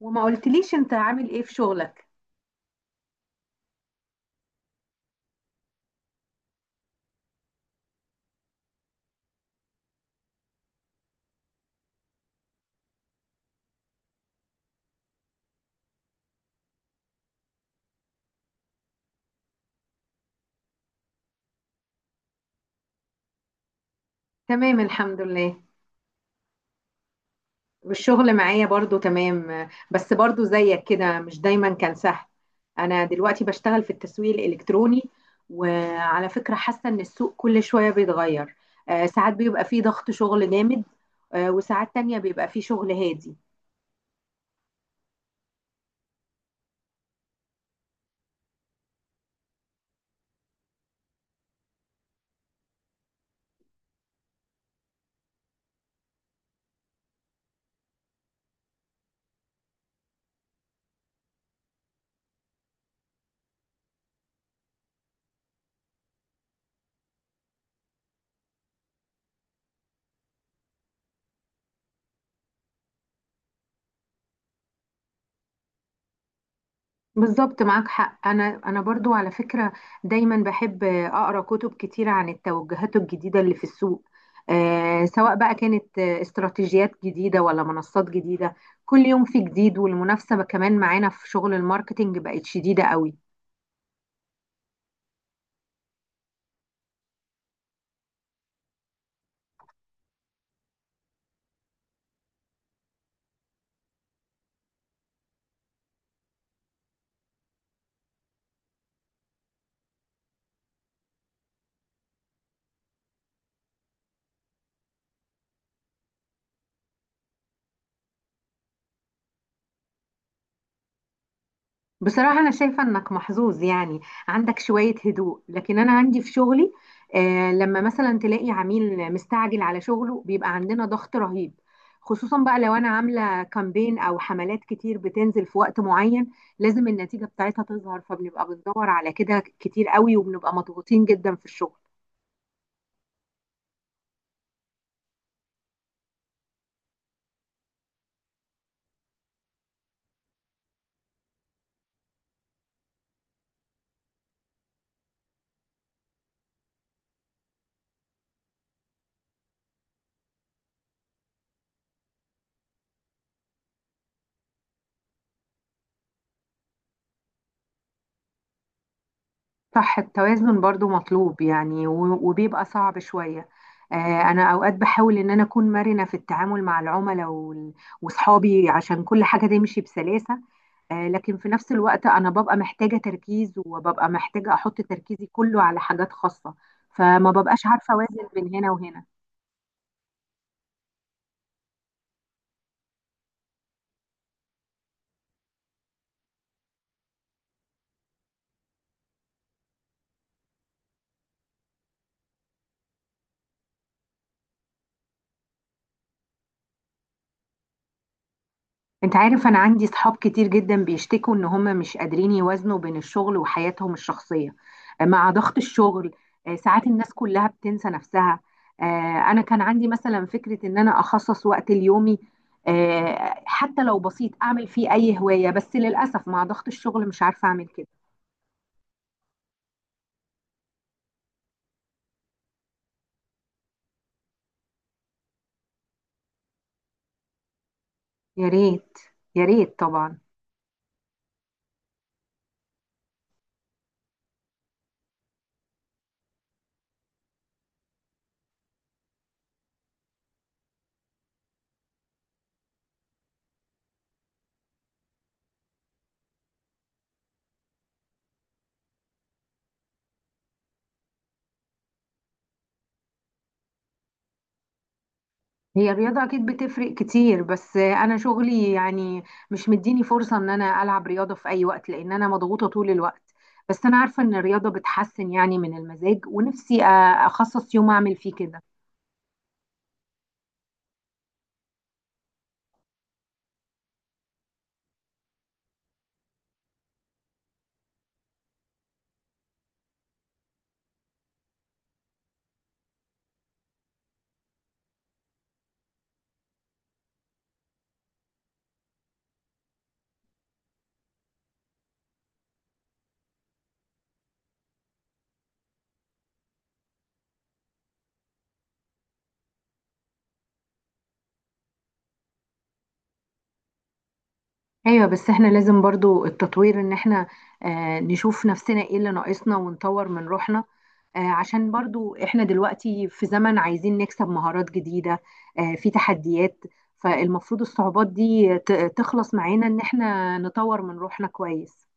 وما قلتليش انت عامل ايه في شغلك؟ تمام، الحمد لله. والشغل معايا برضو تمام، بس برضو زيك كده، مش دايما كان سهل. انا دلوقتي بشتغل في التسويق الالكتروني، وعلى فكرة حاسة ان السوق كل شوية بيتغير. ساعات بيبقى فيه ضغط شغل جامد، وساعات تانية بيبقى فيه شغل هادي. بالظبط، معاك حق. انا برضو على فكره دايما بحب اقرا كتب كتيره عن التوجهات الجديده اللي في السوق، سواء بقى كانت استراتيجيات جديده ولا منصات جديده. كل يوم في جديد، والمنافسه كمان معانا في شغل الماركتينج بقت شديده قوي. بصراحة أنا شايفة إنك محظوظ يعني، عندك شوية هدوء، لكن أنا عندي في شغلي، لما مثلا تلاقي عميل مستعجل على شغله بيبقى عندنا ضغط رهيب. خصوصا بقى لو أنا عاملة كامبين أو حملات كتير بتنزل في وقت معين، لازم النتيجة بتاعتها تظهر، فبنبقى بندور على كده كتير قوي وبنبقى مضغوطين جدا في الشغل. صح، التوازن برضو مطلوب يعني، وبيبقى صعب شوية. آه، أنا أوقات بحاول إن أنا أكون مرنة في التعامل مع العملاء وصحابي عشان كل حاجة تمشي بسلاسة. لكن في نفس الوقت أنا ببقى محتاجة تركيز وببقى محتاجة أحط تركيزي كله على حاجات خاصة، فما ببقاش عارفة أوازن بين هنا وهنا. انت عارف، انا عندي صحاب كتير جدا بيشتكوا ان هم مش قادرين يوازنوا بين الشغل وحياتهم الشخصية، مع ضغط الشغل. ساعات الناس كلها بتنسى نفسها. آه، انا كان عندي مثلا فكرة ان انا اخصص وقت ليومي، حتى لو بسيط اعمل فيه اي هواية، بس للأسف مع ضغط الشغل مش عارفة اعمل كده. يا ريت، يا ريت طبعا. هي الرياضة أكيد بتفرق كتير، بس أنا شغلي يعني مش مديني فرصة إن أنا ألعب رياضة في أي وقت، لأن أنا مضغوطة طول الوقت. بس أنا عارفة إن الرياضة بتحسن يعني من المزاج، ونفسي أخصص يوم أعمل فيه كده. ايوه، بس احنا لازم برضو التطوير، ان احنا نشوف نفسنا ايه اللي ناقصنا ونطور من روحنا، عشان برضو احنا دلوقتي في زمن عايزين نكسب مهارات جديدة، في تحديات. فالمفروض الصعوبات دي تخلص معانا، ان احنا نطور من روحنا كويس.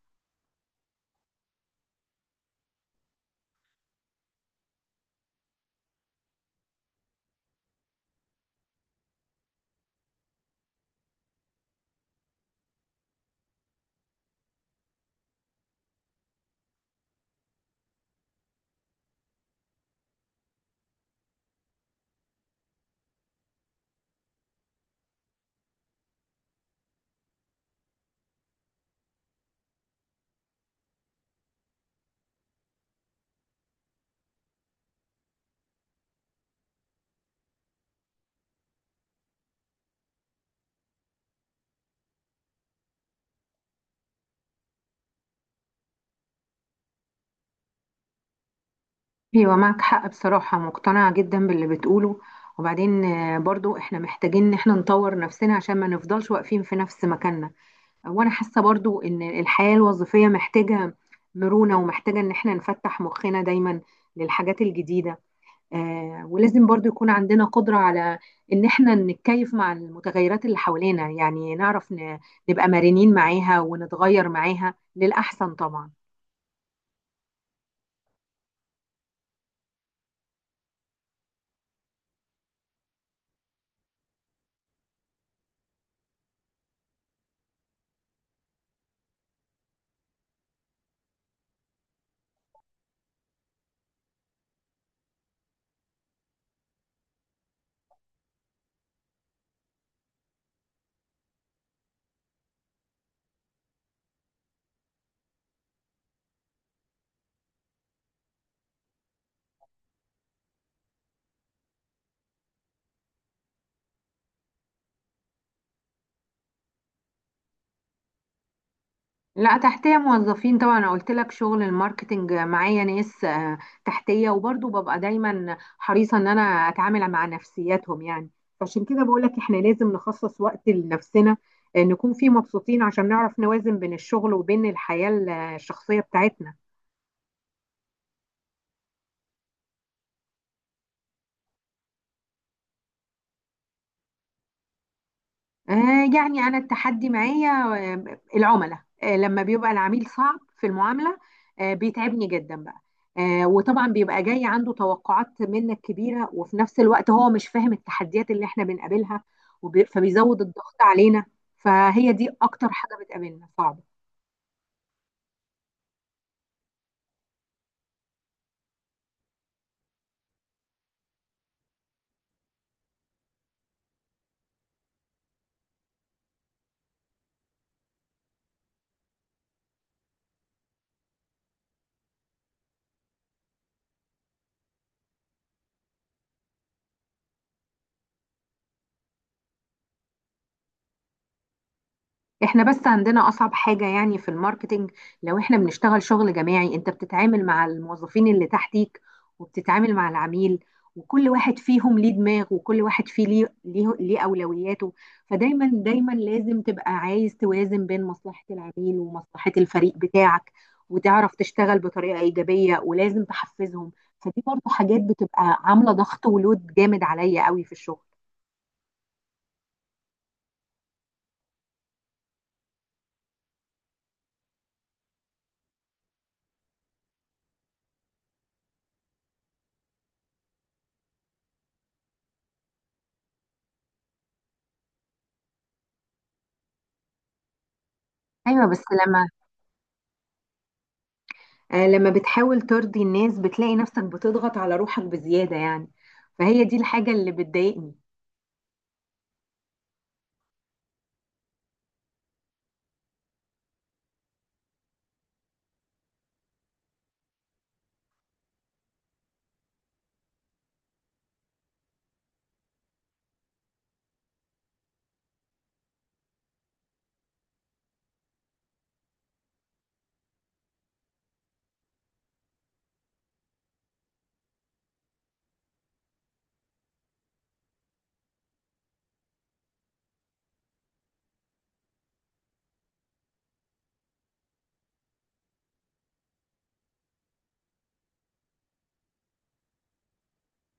ايوه، معك حق، بصراحة مقتنعة جدا باللي بتقوله. وبعدين برضو احنا محتاجين ان احنا نطور نفسنا عشان ما نفضلش واقفين في نفس مكاننا. وانا حاسه برضو ان الحياه الوظيفيه محتاجه مرونه، ومحتاجه ان احنا نفتح مخنا دايما للحاجات الجديده. ولازم برضو يكون عندنا قدره على ان احنا نتكيف مع المتغيرات اللي حوالينا، يعني نعرف نبقى مرنين معاها ونتغير معاها للاحسن طبعا. لا، تحتيه موظفين طبعا. انا قلت لك شغل الماركتنج معايا ناس تحتيه، وبرضه ببقى دايما حريصه ان انا اتعامل مع نفسياتهم يعني. فعشان كده بقول لك احنا لازم نخصص وقت لنفسنا، نكون فيه مبسوطين عشان نعرف نوازن بين الشغل وبين الحياه الشخصيه بتاعتنا. يعني أنا التحدي معايا العملاء، لما بيبقى العميل صعب في المعاملة بيتعبني جدا بقى. وطبعا بيبقى جاي عنده توقعات منك كبيرة، وفي نفس الوقت هو مش فاهم التحديات اللي احنا بنقابلها، فبيزود الضغط علينا. فهي دي أكتر حاجة بتقابلنا صعبة. احنا بس عندنا اصعب حاجة يعني في الماركتينج، لو احنا بنشتغل شغل جماعي، انت بتتعامل مع الموظفين اللي تحتيك وبتتعامل مع العميل، وكل واحد فيهم ليه دماغ، وكل واحد فيه ليه اولوياته. فدايما دايما لازم تبقى عايز توازن بين مصلحة العميل ومصلحة الفريق بتاعك، وتعرف تشتغل بطريقة ايجابية، ولازم تحفزهم. فدي برضه حاجات بتبقى عاملة ضغط ولود جامد عليا قوي في الشغل. ايوه، بس لما لما بتحاول ترضي الناس بتلاقي نفسك بتضغط على روحك بزيادة يعني. فهي دي الحاجة اللي بتضايقني.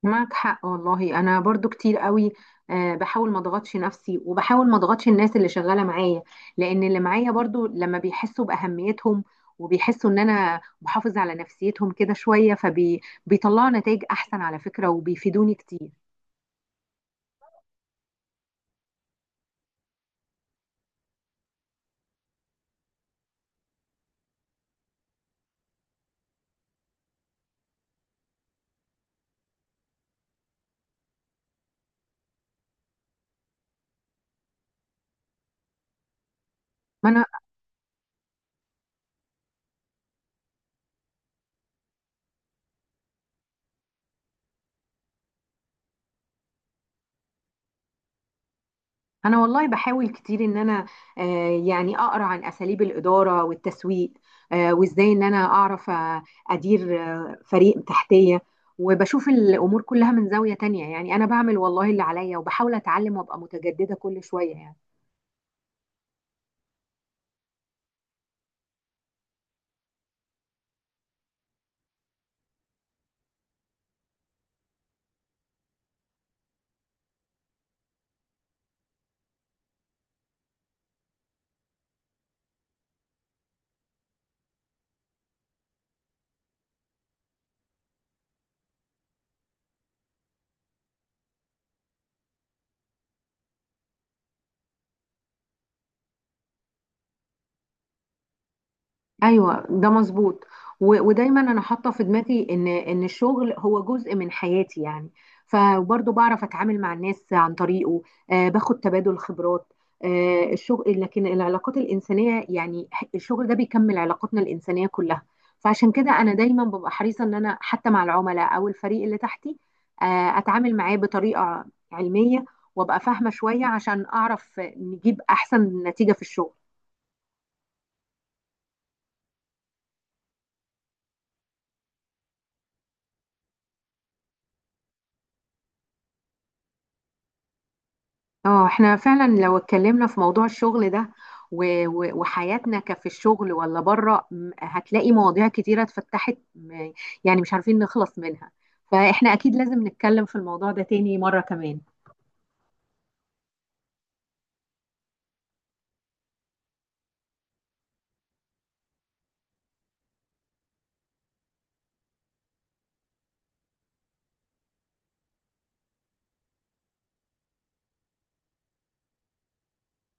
معك حق والله، أنا برضو كتير قوي بحاول ما اضغطش نفسي وبحاول ما اضغطش الناس اللي شغالة معايا، لأن اللي معايا برضو لما بيحسوا بأهميتهم وبيحسوا إن أنا بحافظ على نفسيتهم كده شوية فبيطلعوا نتائج أحسن على فكرة وبيفيدوني كتير. ما أنا انا والله بحاول كتير ان انا يعني اقرا عن اساليب الاداره والتسويق، وازاي ان انا اعرف ادير فريق تحتيه وبشوف الامور كلها من زاويه تانية. يعني انا بعمل والله اللي عليا، وبحاول اتعلم وابقى متجدده كل شويه يعني. ايوه، ده مظبوط، ودايما انا حاطه في دماغي ان الشغل هو جزء من حياتي يعني، فبرضه بعرف اتعامل مع الناس عن طريقه. باخد تبادل خبرات الشغل، لكن العلاقات الانسانيه يعني الشغل ده بيكمل علاقاتنا الانسانيه كلها. فعشان كده انا دايما ببقى حريصه ان انا حتى مع العملاء او الفريق اللي تحتي اتعامل معاه بطريقه علميه، وابقى فاهمه شويه عشان اعرف نجيب احسن نتيجه في الشغل. اه، احنا فعلا لو اتكلمنا في موضوع الشغل ده وحياتنا كفي الشغل ولا بره هتلاقي مواضيع كتيرة اتفتحت يعني مش عارفين نخلص منها. فاحنا اكيد لازم نتكلم في الموضوع ده تاني مرة كمان.